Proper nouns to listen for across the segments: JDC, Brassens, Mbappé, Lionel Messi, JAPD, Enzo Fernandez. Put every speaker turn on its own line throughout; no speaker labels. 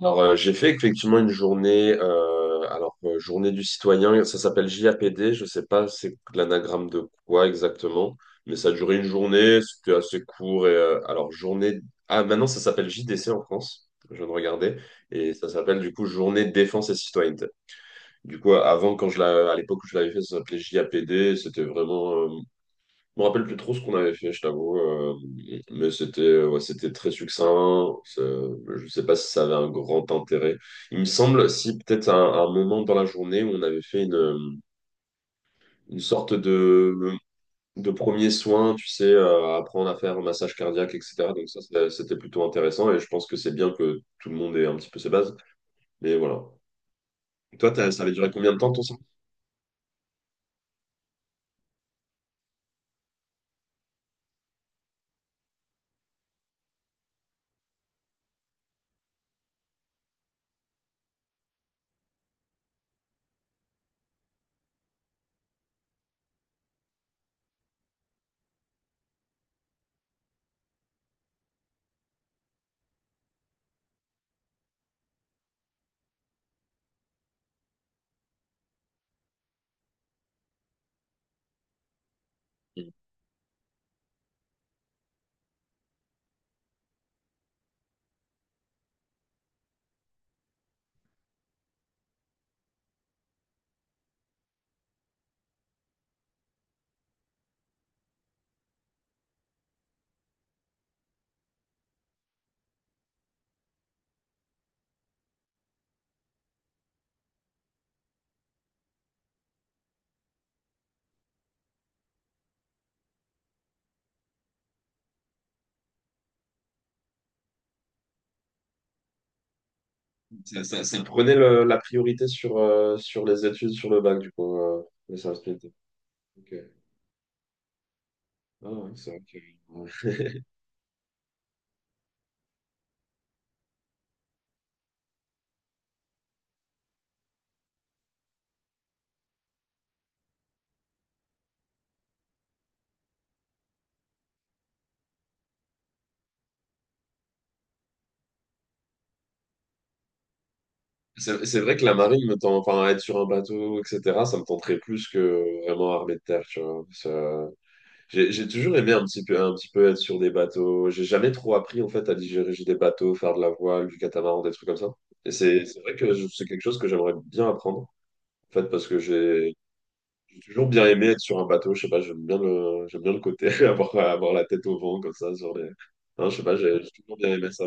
J'ai fait effectivement une journée, journée du citoyen, ça s'appelle JAPD, je sais pas c'est l'anagramme de quoi exactement, mais ça a duré une journée, c'était assez court. Ah maintenant ça s'appelle JDC en France, je viens de regarder, et ça s'appelle du coup Journée de défense et citoyenneté. Du coup, avant, à l'époque où je l'avais fait, ça s'appelait JAPD, c'était vraiment je me rappelle plus trop ce qu'on avait fait, je t'avoue, mais c'était très succinct. Je sais pas si ça avait un grand intérêt. Il me semble, si peut-être à un moment dans la journée, on avait fait une sorte de premier soin, tu sais, apprendre à faire un massage cardiaque, etc. Donc ça, c'était plutôt intéressant et je pense que c'est bien que tout le monde ait un petit peu ses bases. Mais voilà. Toi, ça avait duré combien de temps ton soin? Ça, ça prenait la priorité sur, sur les études, sur le bac, du coup, les services militaires. Ok. Ah ouais, ouais. C'est vrai que la marine me tend, enfin, être sur un bateau, etc., ça me tenterait plus que vraiment armée de terre, tu vois. J'ai toujours aimé un petit peu être sur des bateaux. J'ai jamais trop appris, en fait, à diriger des bateaux, faire de la voile, du catamaran, des trucs comme ça. Et c'est vrai que c'est quelque chose que j'aimerais bien apprendre, en fait, parce que j'ai toujours bien aimé être sur un bateau. Je sais pas, j'aime bien le côté, avoir la tête au vent, comme ça, sur les... Hein, je sais pas, j'ai toujours bien aimé ça.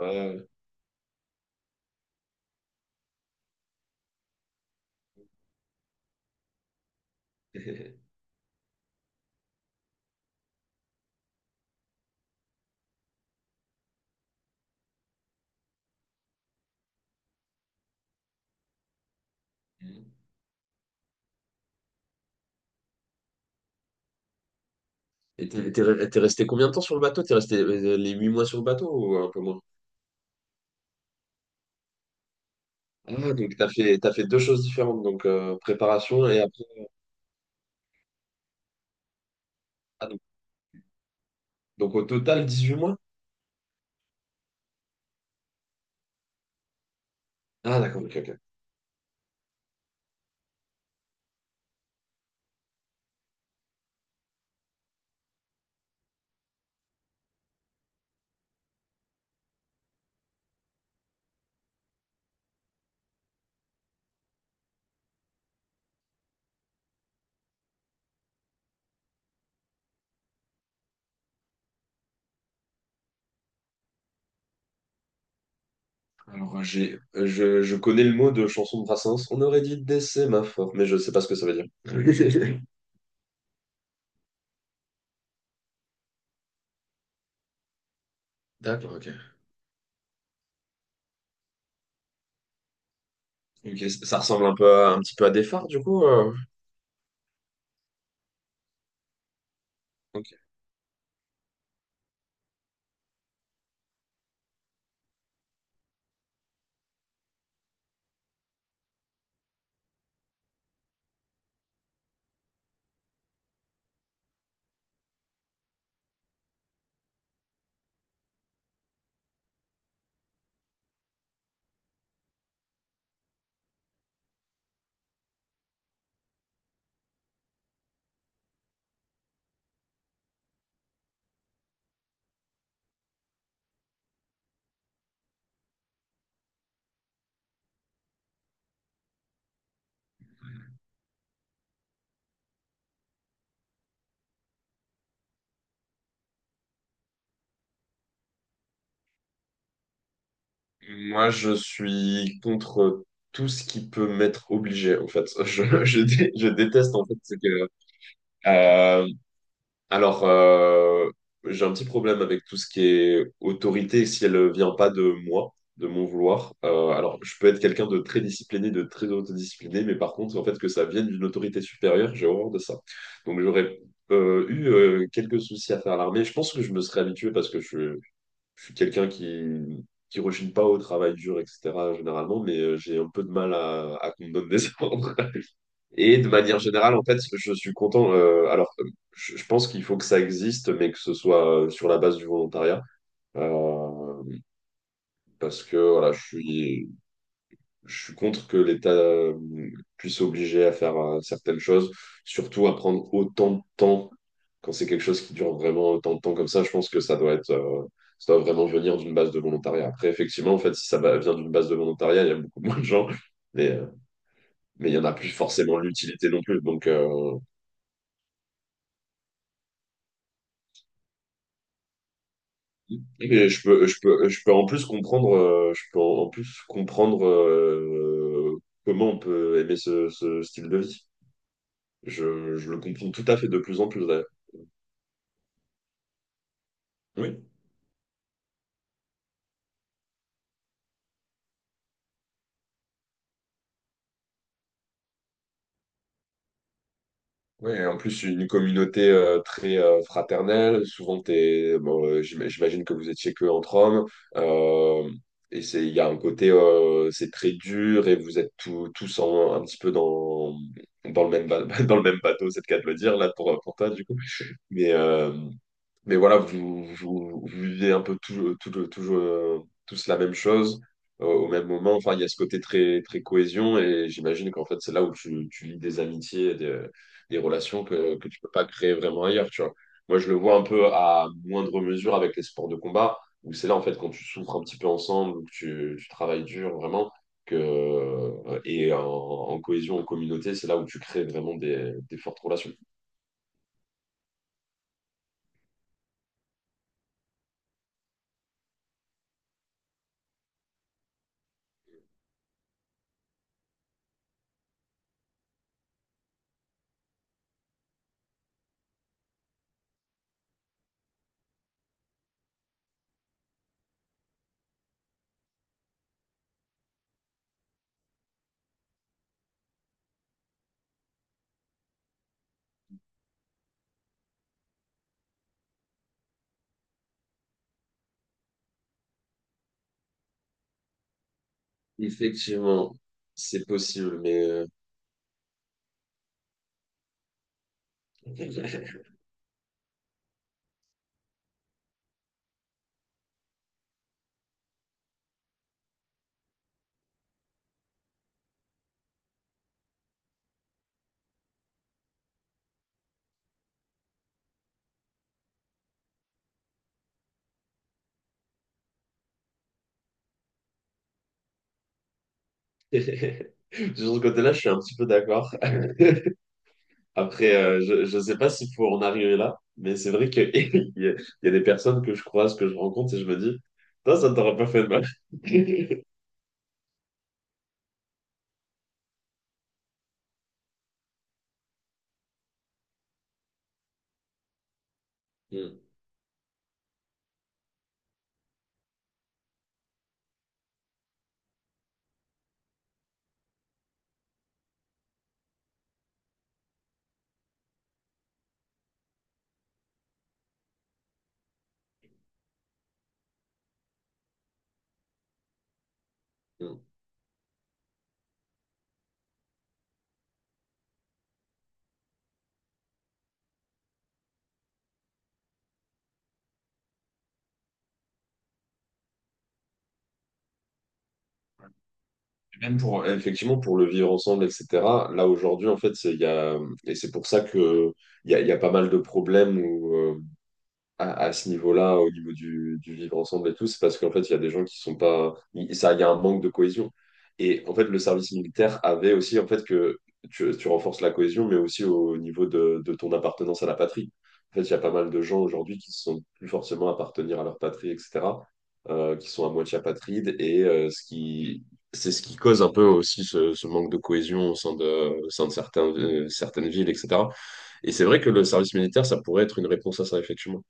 Ouais. Et t'es resté combien de temps sur le bateau? T'es resté les 8 mois sur le bateau ou un peu moins? Ah, t'as fait deux choses différentes, préparation et après. Ah, donc au total 18 mois? Ah d'accord, ok, ok. Je connais le mot de chanson de Brassens. On aurait dit décès, ma mais je sais pas ce que ça veut dire. D'accord, ok. Ok, ça ressemble un petit peu à des phares du coup. Ok. Moi, je suis contre tout ce qui peut m'être obligé, en fait. Je déteste, en fait, c'est que euh, Alors, euh, j'ai un petit problème avec tout ce qui est autorité si elle ne vient pas de moi, de mon vouloir. Je peux être quelqu'un de très discipliné, de très autodiscipliné, mais par contre, en fait, que ça vienne d'une autorité supérieure, j'ai horreur de ça. Donc, j'aurais eu quelques soucis à faire à l'armée. Je pense que je me serais habitué parce que je suis quelqu'un qui rechigne pas au travail dur, etc., généralement, mais j'ai un peu de mal à qu'on me donne des ordres. Et de manière générale, en fait, je suis content. Je pense qu'il faut que ça existe, mais que ce soit sur la base du volontariat. Euh, Parce que voilà, je suis contre que l'État puisse obliger à faire certaines choses, surtout à prendre autant de temps. Quand c'est quelque chose qui dure vraiment autant de temps comme ça, je pense que ça doit ça doit vraiment venir d'une base de volontariat. Après, effectivement, en fait, si ça vient d'une base de volontariat, il y a beaucoup moins de gens, mais, euh, mais il n'y en a plus forcément l'utilité non plus. Et je peux en plus comprendre, comment on peut aimer ce style de vie. Je le comprends tout à fait de plus en plus d'ailleurs. Oui. Oui, et en plus une communauté très fraternelle. Souvent, j'imagine que vous étiez que entre hommes. Euh, et c'est, il y a un côté, c'est très dur et vous êtes tous un petit peu dans dans le même bateau, c'est le cas de le dire là pour toi du coup. Mais euh, Mais voilà, vous vivez un peu tout, tous la même chose au même moment. Enfin, il y a ce côté très cohésion et j'imagine qu'en fait, c'est là où tu lis des amitiés, et des relations que tu peux pas créer vraiment ailleurs, tu vois. Moi, je le vois un peu à moindre mesure avec les sports de combat, où c'est là, en fait, quand tu souffres un petit peu ensemble, ou que tu travailles dur, vraiment, et en cohésion, en communauté, c'est là où tu crées vraiment des fortes relations. Effectivement, c'est possible, mais sur ce côté-là, je suis un petit peu d'accord. Après, euh, je ne sais pas s'il faut en arriver là, mais c'est vrai qu'il il y a des personnes que je croise, que je rencontre, et je me dis, ça ne t'aurait pas fait de mal. Mm, mm. Même pour, effectivement, pour le vivre ensemble, etc. Là, aujourd'hui, en fait, c'est- il y a, et c'est pour ça que il y a pas mal de problèmes où, à ce niveau-là, au niveau du vivre ensemble et tout, c'est parce qu'en fait, il y a des gens qui sont pas. Il y a un manque de cohésion. Et en fait, le service militaire avait aussi, en fait, que tu renforces la cohésion, mais aussi au niveau de ton appartenance à la patrie. En fait, il y a pas mal de gens aujourd'hui qui ne sont plus forcément appartenir à leur patrie, etc., qui sont à moitié apatrides, et c'est ce qui cause un peu aussi ce manque de cohésion au sein au sein de certains, certaines villes, etc. Et c'est vrai que le service militaire, ça pourrait être une réponse à ça, effectivement.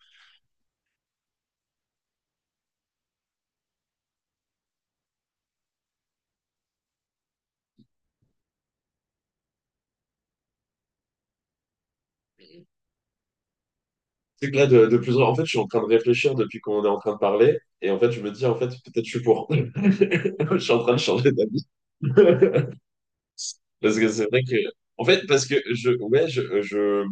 C'est que là, de plus en en fait, je suis en train de réfléchir depuis qu'on est en train de parler. Et en fait, je me dis, en fait, peut-être je suis pour. Je suis en train de changer d'avis. Parce que c'est vrai que, en fait, parce que je, ouais,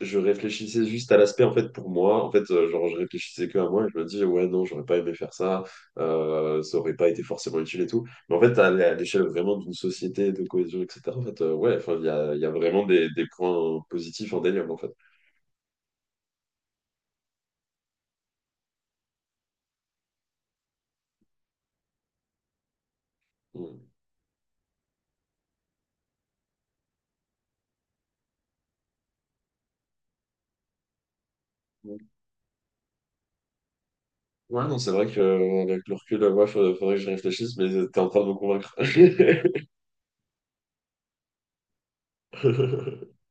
je réfléchissais juste à l'aspect, en fait, pour moi. Je réfléchissais que à moi et je me dis, ouais, non, j'aurais pas aimé faire ça, ça aurait pas été forcément utile et tout. Mais en fait, à l'échelle vraiment d'une société, de cohésion, etc., en fait, il y a vraiment des points positifs en délire, en fait. Mm. Ouais, non, c'est vrai que avec le recul, faudrait que je réfléchisse, mais t'es en train de me convaincre.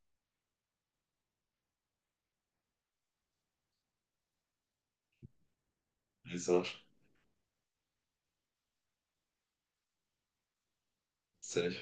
Allez, ça marche. Salut.